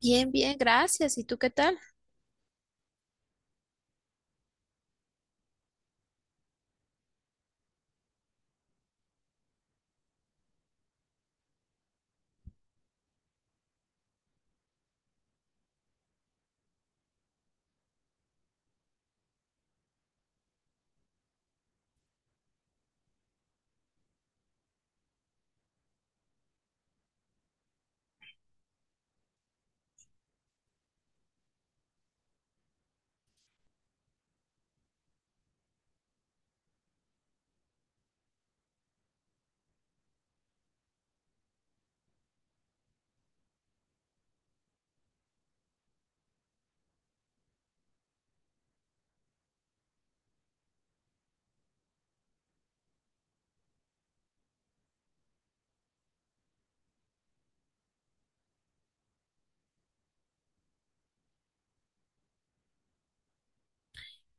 Bien, bien, gracias. ¿Y tú qué tal?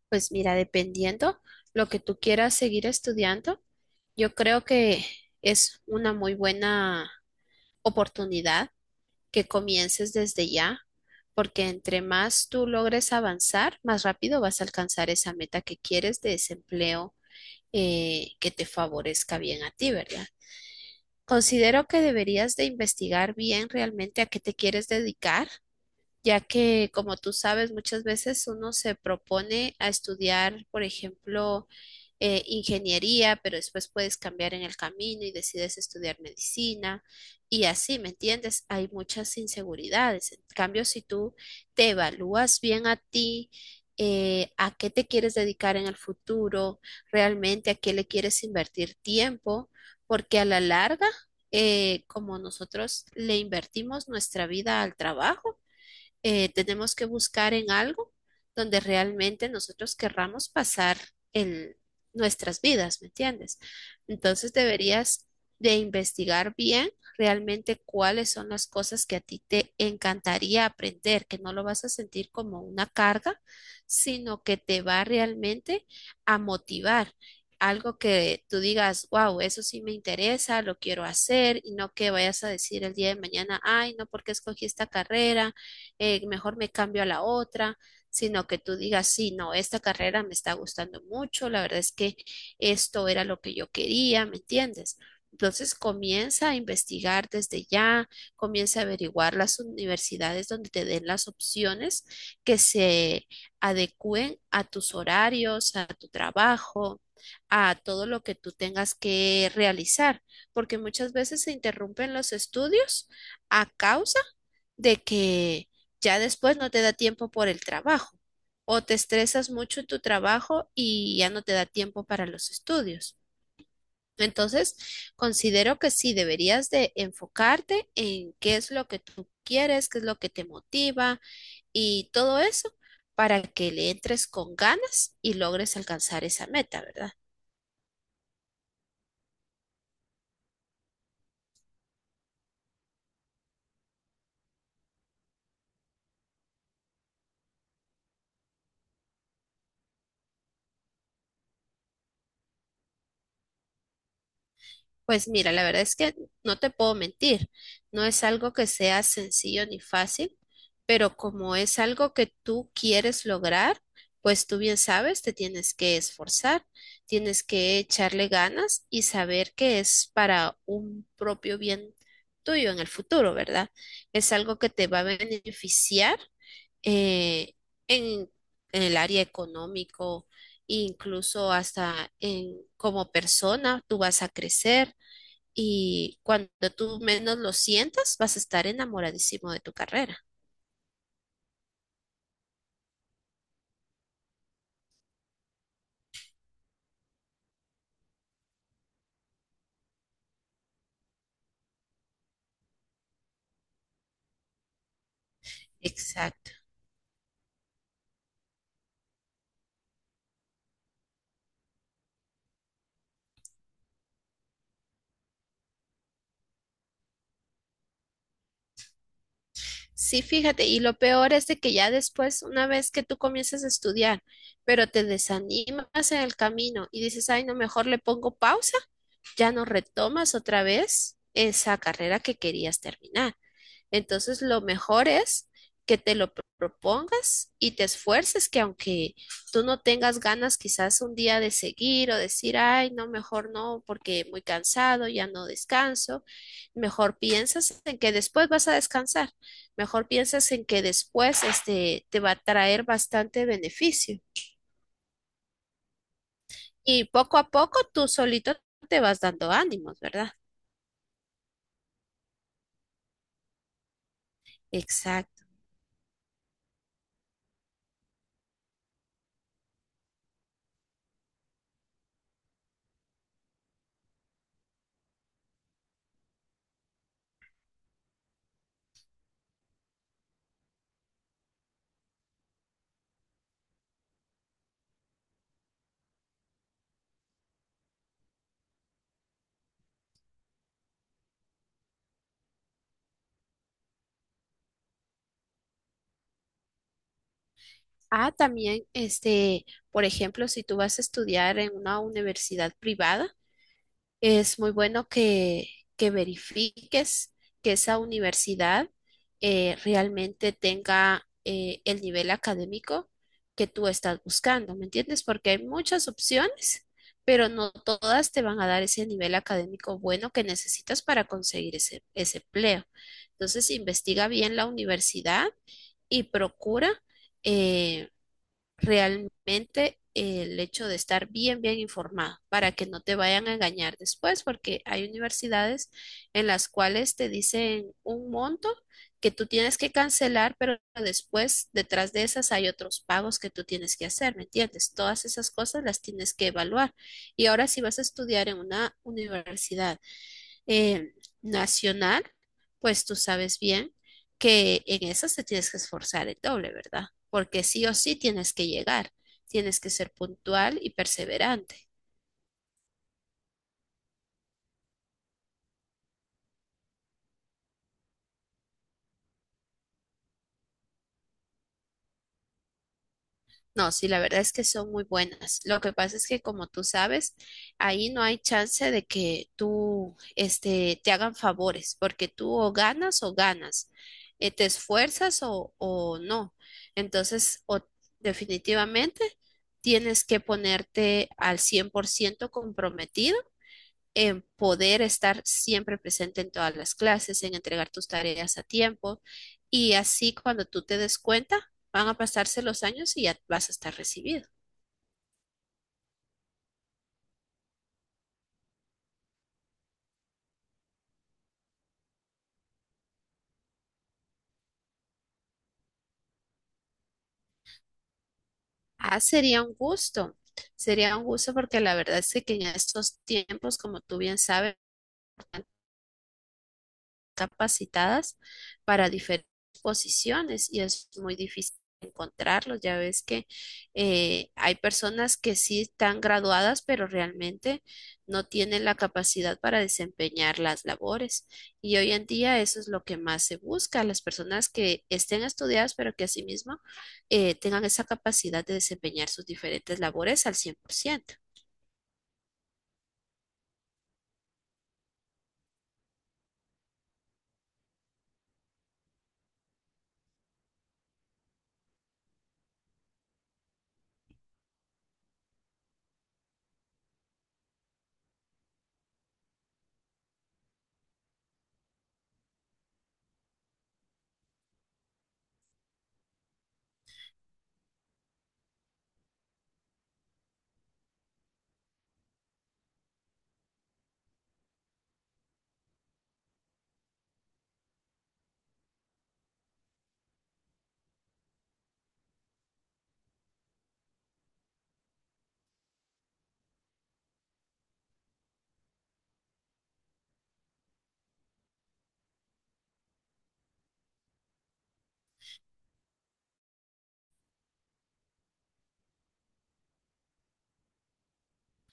Pues mira, dependiendo lo que tú quieras seguir estudiando, yo creo que es una muy buena oportunidad que comiences desde ya, porque entre más tú logres avanzar, más rápido vas a alcanzar esa meta que quieres de ese empleo que te favorezca bien a ti, ¿verdad? Considero que deberías de investigar bien realmente a qué te quieres dedicar ya que, como tú sabes, muchas veces uno se propone a estudiar, por ejemplo, ingeniería, pero después puedes cambiar en el camino y decides estudiar medicina y así, ¿me entiendes? Hay muchas inseguridades. En cambio, si tú te evalúas bien a ti, a qué te quieres dedicar en el futuro, realmente a qué le quieres invertir tiempo, porque a la larga, como nosotros le invertimos nuestra vida al trabajo, tenemos que buscar en algo donde realmente nosotros querramos pasar el, nuestras vidas, ¿me entiendes? Entonces deberías de investigar bien realmente cuáles son las cosas que a ti te encantaría aprender, que no lo vas a sentir como una carga, sino que te va realmente a motivar. Algo que tú digas, wow, eso sí me interesa, lo quiero hacer, y no que vayas a decir el día de mañana, ay, no, porque escogí esta carrera, mejor me cambio a la otra, sino que tú digas, sí, no, esta carrera me está gustando mucho, la verdad es que esto era lo que yo quería, ¿me entiendes? Entonces comienza a investigar desde ya, comienza a averiguar las universidades donde te den las opciones que se adecúen a tus horarios, a tu trabajo, a todo lo que tú tengas que realizar, porque muchas veces se interrumpen los estudios a causa de que ya después no te da tiempo por el trabajo o te estresas mucho en tu trabajo y ya no te da tiempo para los estudios. Entonces, considero que sí deberías de enfocarte en qué es lo que tú quieres, qué es lo que te motiva y todo eso para que le entres con ganas y logres alcanzar esa meta, ¿verdad? Pues mira, la verdad es que no te puedo mentir, no es algo que sea sencillo ni fácil, pero como es algo que tú quieres lograr, pues tú bien sabes, te tienes que esforzar, tienes que echarle ganas y saber que es para un propio bien tuyo en el futuro, ¿verdad? Es algo que te va a beneficiar eh, en, en el área económico, incluso hasta en como persona, tú vas a crecer y cuando tú menos lo sientas, vas a estar enamoradísimo de tu carrera. Exacto. Sí, fíjate, y lo peor es de que ya después, una vez que tú comienzas a estudiar, pero te desanimas en el camino y dices, ay, no, mejor le pongo pausa, ya no retomas otra vez esa carrera que querías terminar. Entonces, lo mejor es que te lo propongas y te esfuerces, que aunque tú no tengas ganas quizás un día de seguir o decir, ay, no, mejor no, porque muy cansado, ya no descanso, mejor piensas en que después vas a descansar, mejor piensas en que después este te va a traer bastante beneficio. Y poco a poco tú solito te vas dando ánimos, ¿verdad? Exacto. Ah, también, este, por ejemplo, si tú vas a estudiar en una universidad privada, es muy bueno que verifiques que esa universidad realmente tenga el nivel académico que tú estás buscando, ¿me entiendes? Porque hay muchas opciones, pero no todas te van a dar ese nivel académico bueno que necesitas para conseguir ese empleo. Entonces, investiga bien la universidad y procura. eh, realmente el hecho de estar bien, bien informado para que no te vayan a engañar después, porque hay universidades en las cuales te dicen un monto que tú tienes que cancelar, pero después detrás de esas hay otros pagos que tú tienes que hacer, ¿me entiendes? Todas esas cosas las tienes que evaluar. Y ahora si vas a estudiar en una universidad eh, nacional, pues tú sabes bien que en esas te tienes que esforzar el doble, ¿verdad? Porque sí o sí tienes que llegar, tienes que ser puntual y perseverante. No, sí, la verdad es que son muy buenas. Lo que pasa es que, como tú sabes, ahí no hay chance de que tú, este, te hagan favores, porque tú o ganas, te esfuerzas o no. Entonces, o definitivamente tienes que ponerte al 100% comprometida en poder estar siempre presente en todas las clases, en entregar tus tareas a tiempo y así cuando tú te des cuenta, van a pasarse los años y ya vas a estar recibido. Ah, sería un gusto porque la verdad es que en estos tiempos, como tú bien sabes, capacitadas para diferentes posiciones y es muy difícil encontrarlos. Ya ves que hay personas que sí están graduadas, pero realmente no tienen la capacidad para desempeñar las labores. Y hoy en día eso es lo que más se busca, las personas que estén estudiadas, pero que asimismo tengan esa capacidad de desempeñar sus diferentes labores al 100%.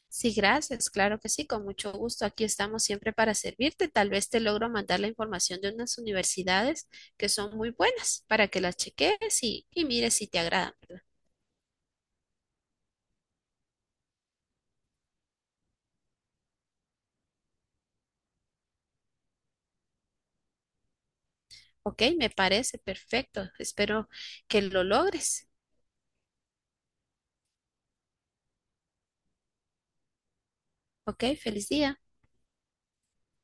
Sí, gracias, claro que sí, con mucho gusto. Aquí estamos siempre para servirte. Tal vez te logro mandar la información de unas universidades que son muy buenas para que las cheques y mires si te agradan. ¿Verdad? Ok, me parece perfecto. Espero que lo logres. Ok, feliz día.